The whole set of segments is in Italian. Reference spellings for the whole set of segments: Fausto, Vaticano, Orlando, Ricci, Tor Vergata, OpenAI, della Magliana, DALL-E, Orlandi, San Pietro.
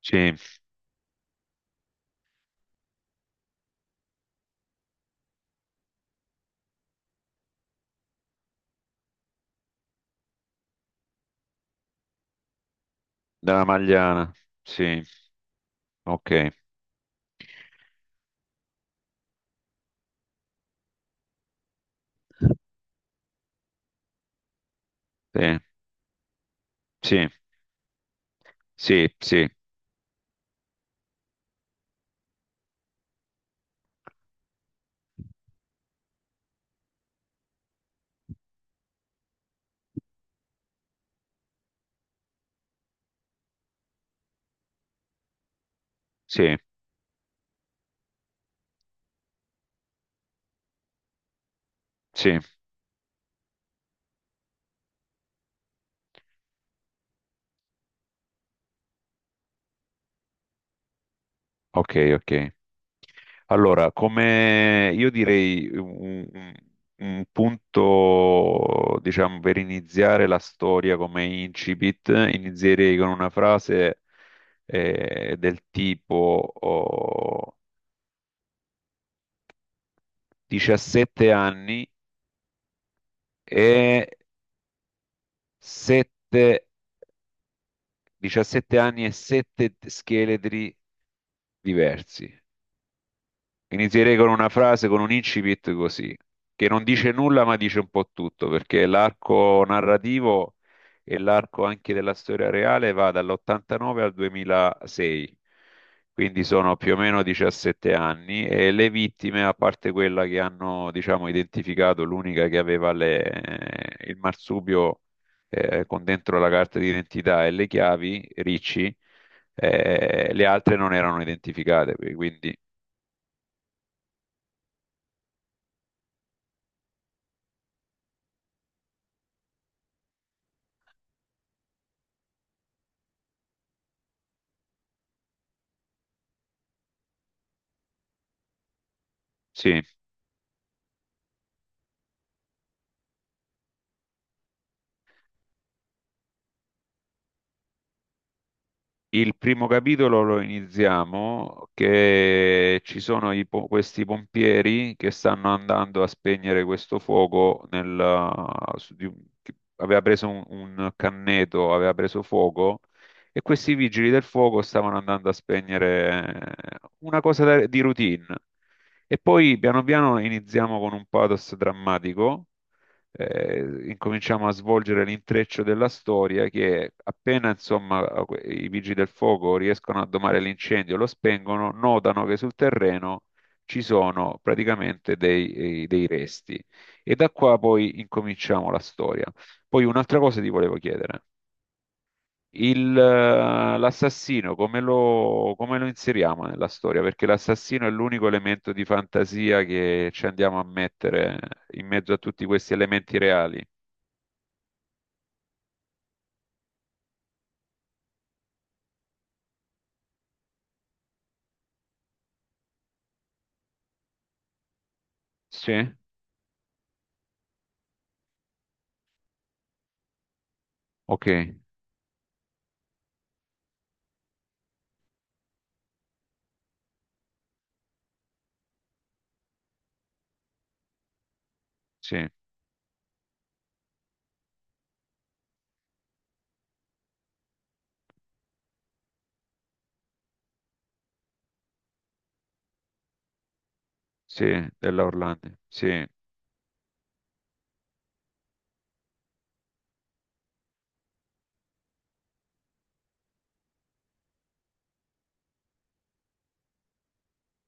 Sì, della Magliana. Sì, ok. Sì, sì, sì, sì, sì, sì. Ok, ok. Allora, come io direi un punto, diciamo, per iniziare la storia come incipit, inizierei con una frase del tipo oh, 17 anni e 7, 17 anni e 7 scheletri diversi. Inizierei con una frase, con un incipit così, che non dice nulla ma dice un po' tutto, perché l'arco narrativo e l'arco anche della storia reale va dall'89 al 2006, quindi sono più o meno 17 anni e le vittime, a parte quella che hanno, diciamo, identificato, l'unica che aveva il marsupio con dentro la carta d'identità e le chiavi, Ricci, le altre non erano identificate, quindi sì. Il primo capitolo lo iniziamo che ci sono questi pompieri che stanno andando a spegnere questo fuoco nel, che aveva preso un canneto, aveva preso fuoco e questi vigili del fuoco stavano andando a spegnere una cosa di routine. E poi piano piano iniziamo con un pathos drammatico incominciamo a svolgere l'intreccio della storia che appena insomma i vigili del fuoco riescono a domare l'incendio, lo spengono, notano che sul terreno ci sono praticamente dei resti e da qua poi incominciamo la storia. Poi un'altra cosa ti volevo chiedere. L'assassino, come lo inseriamo nella storia? Perché l'assassino è l'unico elemento di fantasia che ci andiamo a mettere in mezzo a tutti questi elementi reali. Sì, ok, sì, sì, della Orlando, sì,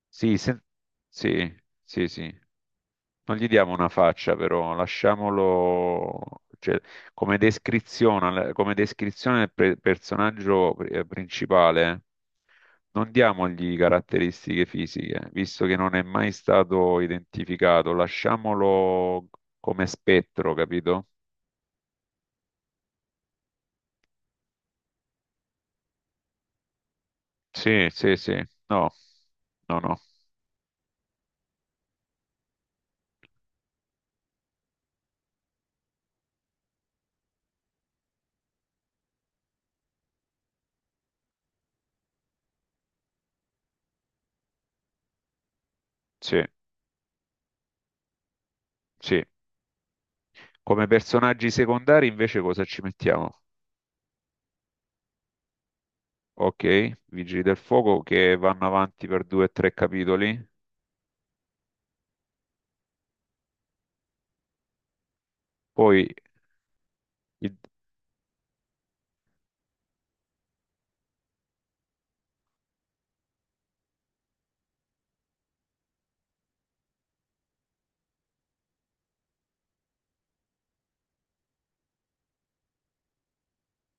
sì, sì, sì, sì. Non gli diamo una faccia, però lasciamolo, cioè, come descrizione, come descrizione del personaggio principale, non diamogli caratteristiche fisiche, visto che non è mai stato identificato, lasciamolo come spettro, capito? Sì, sì, sì, no, no, no, sì, sì. Come personaggi secondari invece cosa ci mettiamo? Ok, Vigili del Fuoco che vanno avanti per due o tre capitoli. Poi, il-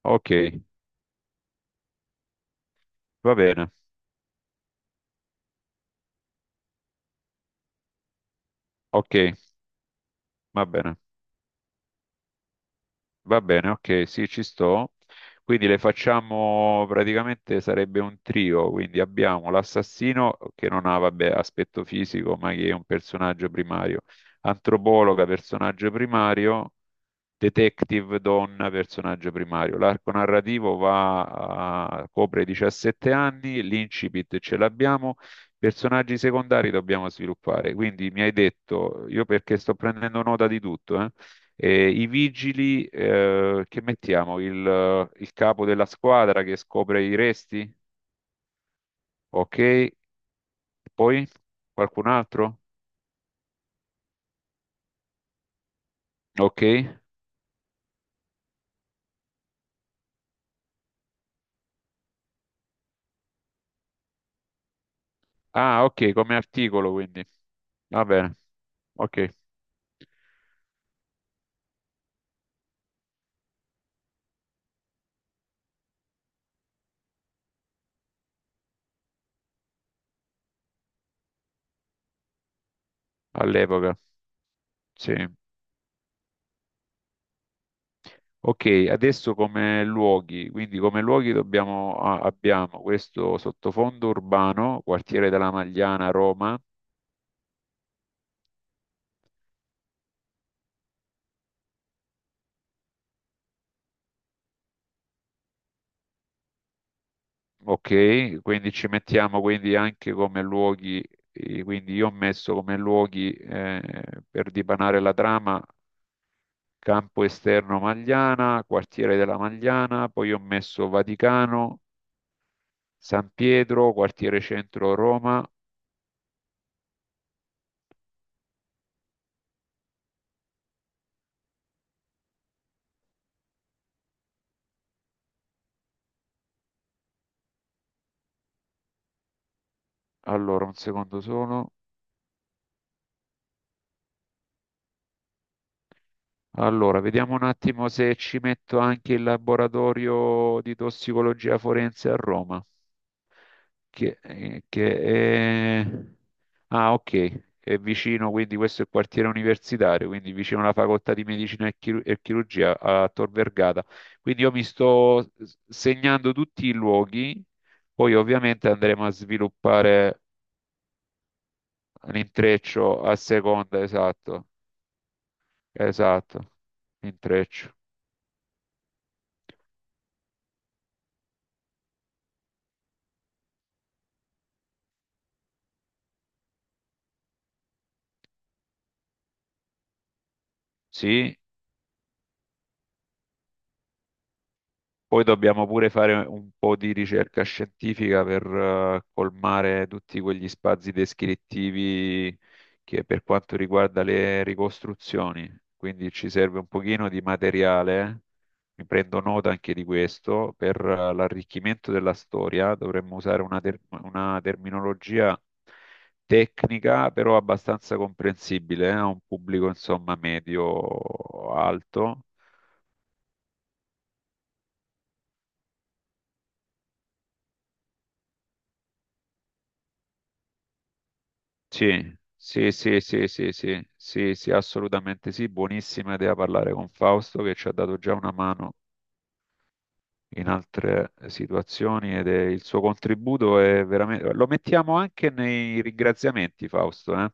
ok, va bene, ok, va bene, va bene, ok, sì, ci sto. Quindi le facciamo praticamente sarebbe un trio, quindi abbiamo l'assassino che non ha, vabbè, aspetto fisico, ma che è un personaggio primario, antropologa, personaggio primario, detective donna personaggio primario. L'arco narrativo copre 17 anni, l'incipit ce l'abbiamo, personaggi secondari dobbiamo sviluppare. Quindi mi hai detto, io perché sto prendendo nota di tutto, eh? I vigili, che mettiamo? Il capo della squadra che scopre i resti? Ok. Poi qualcun altro? Ok. Ah, ok, come articolo quindi. Va bene. Ok, all'epoca. Sì. Ok, adesso come luoghi, quindi come luoghi dobbiamo, abbiamo questo sottofondo urbano, quartiere della Magliana, Roma, ok, quindi ci mettiamo quindi anche come luoghi, quindi io ho messo come luoghi per dipanare la trama campo esterno Magliana, quartiere della Magliana, poi ho messo Vaticano, San Pietro, quartiere centro Roma, allora un secondo solo. Allora, vediamo un attimo se ci metto anche il laboratorio di tossicologia forense a Roma, che è... Ah, ok, è vicino, quindi questo è il quartiere universitario, quindi vicino alla facoltà di medicina e, chirurgia a Tor Vergata. Quindi io mi sto segnando tutti i luoghi, poi ovviamente andremo a sviluppare l'intreccio a seconda, esatto, esatto, intreccio. Sì, poi dobbiamo pure fare un po' di ricerca scientifica per colmare tutti quegli spazi descrittivi che per quanto riguarda le ricostruzioni. Quindi ci serve un pochino di materiale, mi prendo nota anche di questo, per l'arricchimento della storia dovremmo usare una terminologia tecnica, però abbastanza comprensibile a un pubblico insomma medio-alto. Sì, sì, sì, sì, sì, sì, sì, sì, assolutamente sì, buonissima idea parlare con Fausto che ci ha dato già una mano in altre situazioni il suo contributo è veramente... Lo mettiamo anche nei ringraziamenti, Fausto, eh?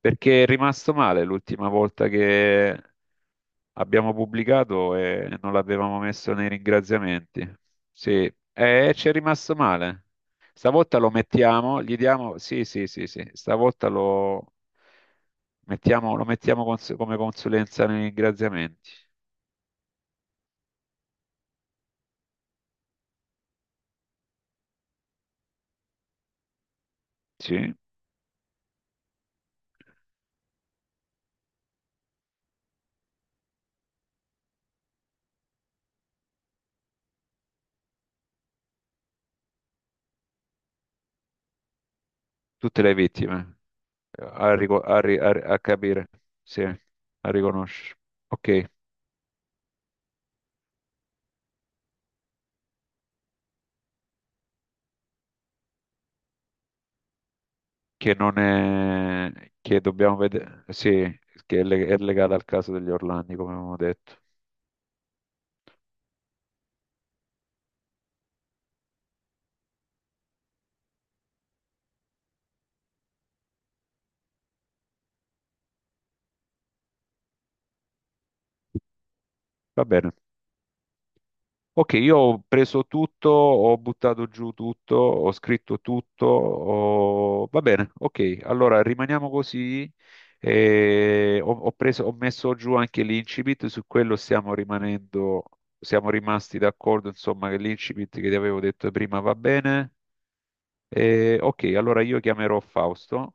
Perché è rimasto male l'ultima volta che abbiamo pubblicato e non l'avevamo messo nei ringraziamenti. Sì, e ci è rimasto male. Stavolta lo mettiamo, gli diamo... Sì, sì, sì, sì. Stavolta lo mettiamo come consulenza nei ringraziamenti. Sì, tutte le vittime. A, rico- a ri- a- a capire, sì, a riconoscere. Ok, che non è... che dobbiamo vedere... Sì, che è, è legata al caso degli Orlandi, come abbiamo detto. Va bene. Ok, io ho preso tutto, ho buttato giù tutto, ho scritto tutto, va bene, ok, allora rimaniamo così. Ho ho messo giù anche l'incipit, su quello stiamo rimanendo, siamo rimasti d'accordo, insomma, che l'incipit che ti avevo detto prima va bene. Ok, allora io chiamerò Fausto